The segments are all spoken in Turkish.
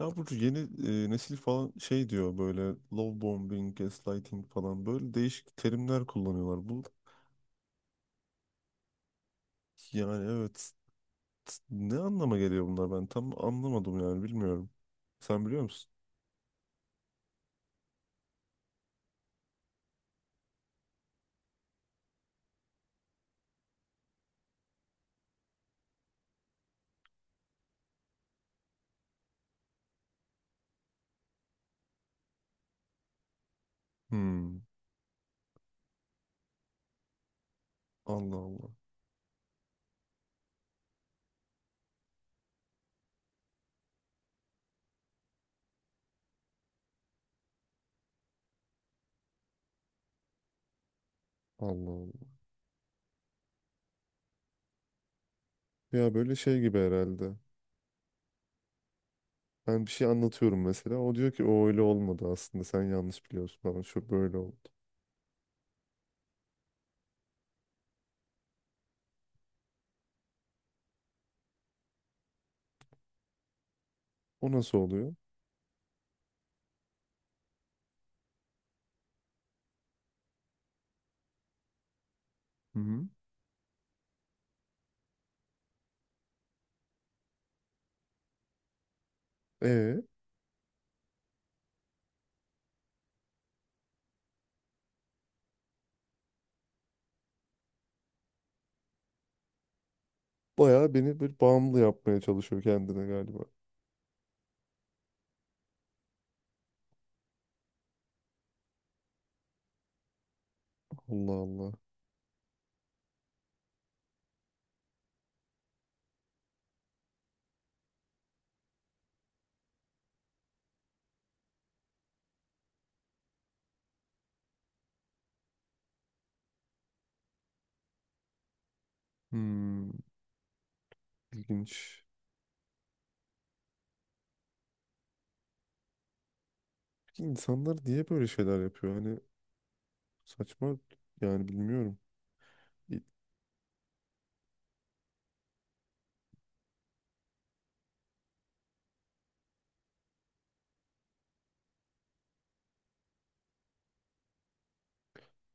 Ya Burcu yeni nesil falan şey diyor böyle love bombing, gaslighting falan böyle değişik terimler kullanıyorlar. Yani evet, ne anlama geliyor bunlar, ben tam anlamadım yani bilmiyorum. Sen biliyor musun? Hmm. Allah Allah. Allah Allah. Ya böyle şey gibi herhalde. Ben bir şey anlatıyorum mesela. O diyor ki o öyle olmadı aslında. Sen yanlış biliyorsun falan. Şu böyle oldu. O nasıl oluyor? Hı hı. E Bayağı beni bir bağımlı yapmaya çalışıyor kendine galiba. Allah Allah. Hmm. İlginç. Peki insanlar niye böyle şeyler yapıyor? Hani saçma, yani bilmiyorum. İ-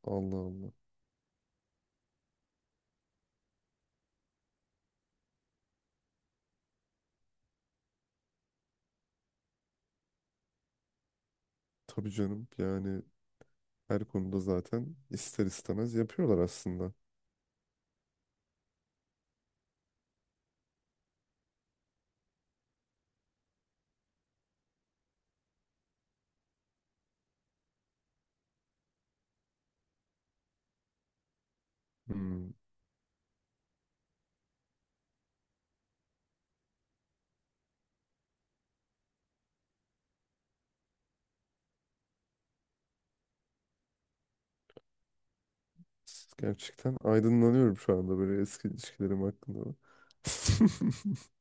Allah Allah. Tabii canım, yani her konuda zaten ister istemez yapıyorlar aslında. Hmm. Gerçekten aydınlanıyorum şu anda böyle eski ilişkilerim hakkında.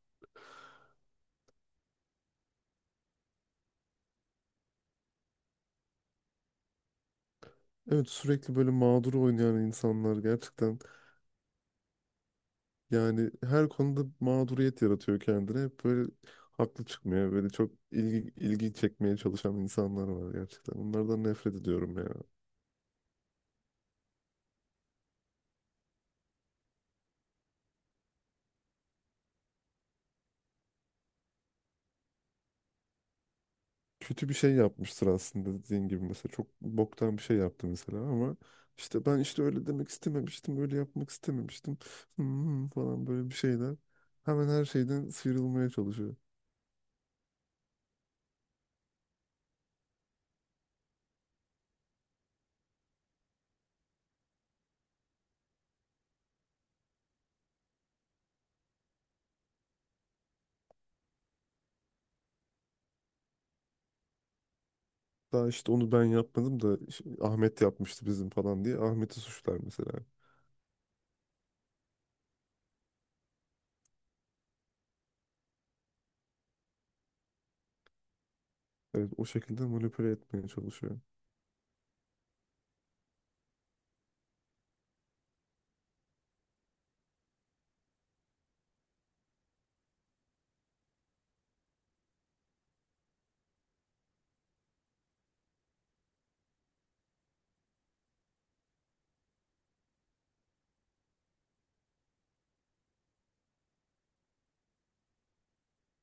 Evet, sürekli böyle mağdur oynayan insanlar gerçekten. Yani her konuda mağduriyet yaratıyor kendine. Hep böyle haklı çıkmıyor. Böyle çok ilgi çekmeye çalışan insanlar var gerçekten. Onlardan nefret ediyorum ya. Kötü bir şey yapmıştır aslında dediğin gibi mesela. Çok boktan bir şey yaptı mesela ama ben işte öyle demek istememiştim. Öyle yapmak istememiştim. Hmm, falan böyle bir şeyler. Hemen her şeyden sıyrılmaya çalışıyor. Daha işte onu ben yapmadım da işte Ahmet yapmıştı bizim falan diye. Ahmet'i suçlar mesela. Evet, o şekilde manipüle etmeye çalışıyor.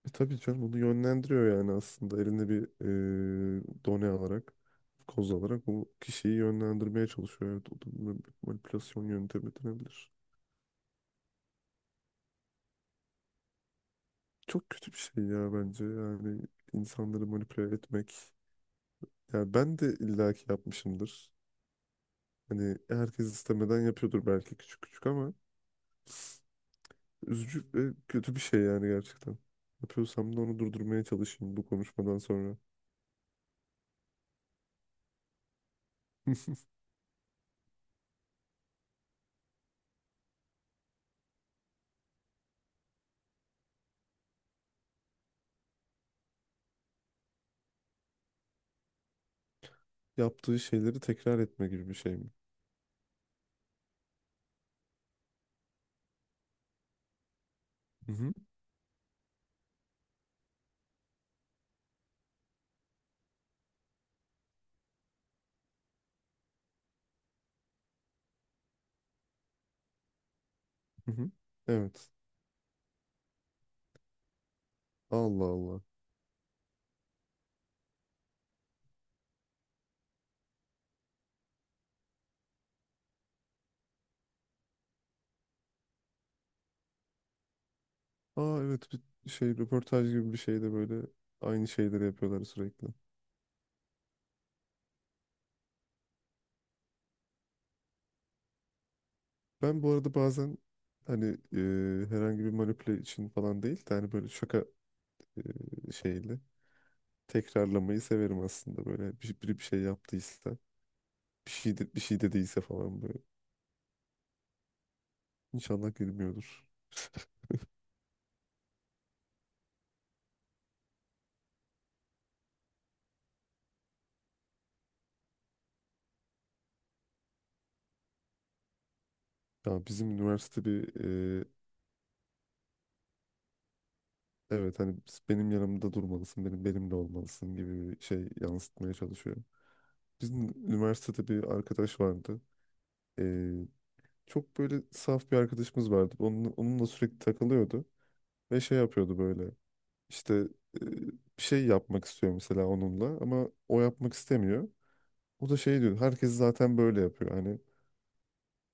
E tabii canım, bunu yönlendiriyor yani, aslında eline bir done alarak, koz alarak bu kişiyi yönlendirmeye çalışıyor. Evet, o da manipülasyon yöntemi denebilir. Çok kötü bir şey ya bence, yani insanları manipüle etmek. Yani ben de illaki yapmışımdır. Hani herkes istemeden yapıyordur belki küçük küçük, ama üzücü ve kötü bir şey yani gerçekten. Yapıyorsam da onu durdurmaya çalışayım bu konuşmadan sonra. Yaptığı şeyleri tekrar etme gibi bir şey mi? Mhm. Hı hı. Evet. Allah Allah. Aa evet, bir şey röportaj gibi bir şey de böyle aynı şeyleri yapıyorlar sürekli. Ben bu arada bazen hani herhangi bir manipüle için falan değil de hani böyle şaka şeyli tekrarlamayı severim aslında, böyle biri bir şey yaptıysa, bir şey dediyse falan böyle. İnşallah gülmüyordur. Ya bizim üniversite bir e, evet, hani benim yanımda durmalısın, benim benimle olmalısın gibi bir şey yansıtmaya çalışıyor. Bizim üniversitede bir arkadaş vardı. Ee, Çok böyle saf bir arkadaşımız vardı. Onunla sürekli takılıyordu. Ve şey yapıyordu böyle. İşte e, bir şey yapmak istiyor mesela onunla. Ama o yapmak istemiyor. O da şey diyor. Herkes zaten böyle yapıyor. Hani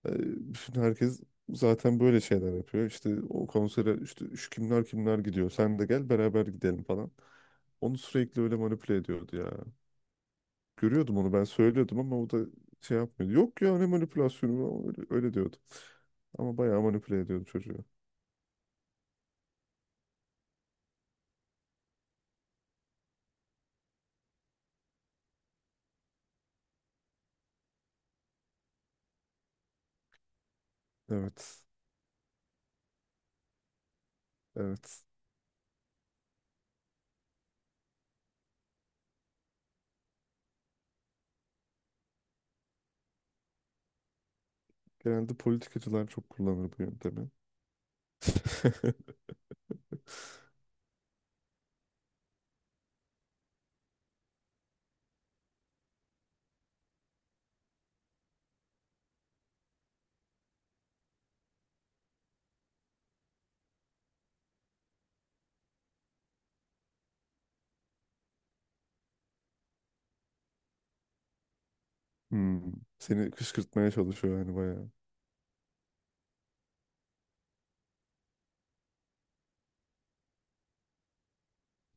e, bütün herkes zaten böyle şeyler yapıyor. İşte o konsere işte şu kimler kimler gidiyor. Sen de gel beraber gidelim falan. Onu sürekli öyle manipüle ediyordu ya. Görüyordum, onu ben söylüyordum ama o da şey yapmıyordu. Yok ya, ne manipülasyonu, öyle diyordu. Ama bayağı manipüle ediyordu çocuğu. Evet. Evet. Genelde politikacılar çok kullanır bu yöntemi. Hmm. Seni kışkırtmaya çalışıyor yani bayağı.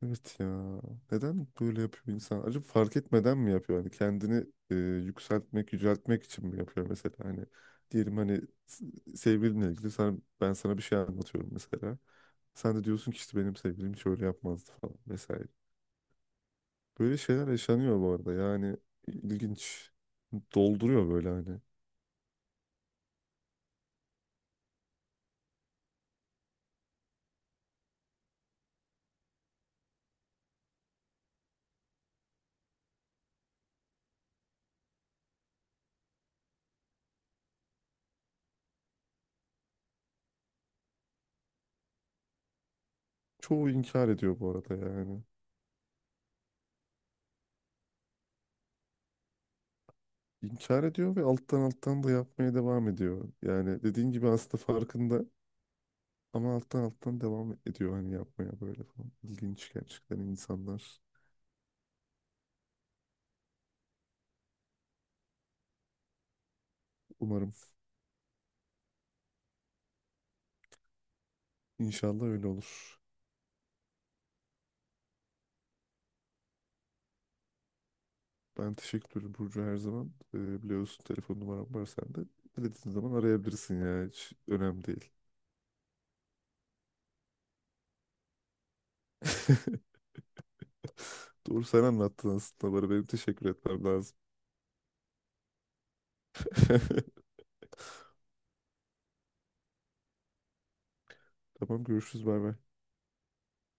Evet ya. Neden böyle yapıyor insan? Acaba fark etmeden mi yapıyor? Hani kendini yükseltmek, yüceltmek için mi yapıyor mesela? Hani diyelim hani s- sevgilinle ilgili sana, ben sana bir şey anlatıyorum mesela. Sen de diyorsun ki işte benim sevgilim şöyle yapmazdı falan vesaire. Böyle şeyler yaşanıyor bu arada, yani ilginç. Dolduruyor böyle hani. Çoğu inkar ediyor bu arada yani. İnkar ediyor ve alttan alttan da yapmaya devam ediyor. Yani dediğin gibi aslında farkında, ama alttan alttan devam ediyor hani yapmaya böyle falan. İlginç gerçekten insanlar. Umarım, inşallah öyle olur. Ben teşekkür ederim Burcu, her zaman. Biliyorsun telefon numaram var sende. Dilediğin zaman arayabilirsin ya, hiç önemli değil. Doğru, sen anlattın aslında bana. Benim teşekkür etmem lazım. Tamam, görüşürüz, bay bay.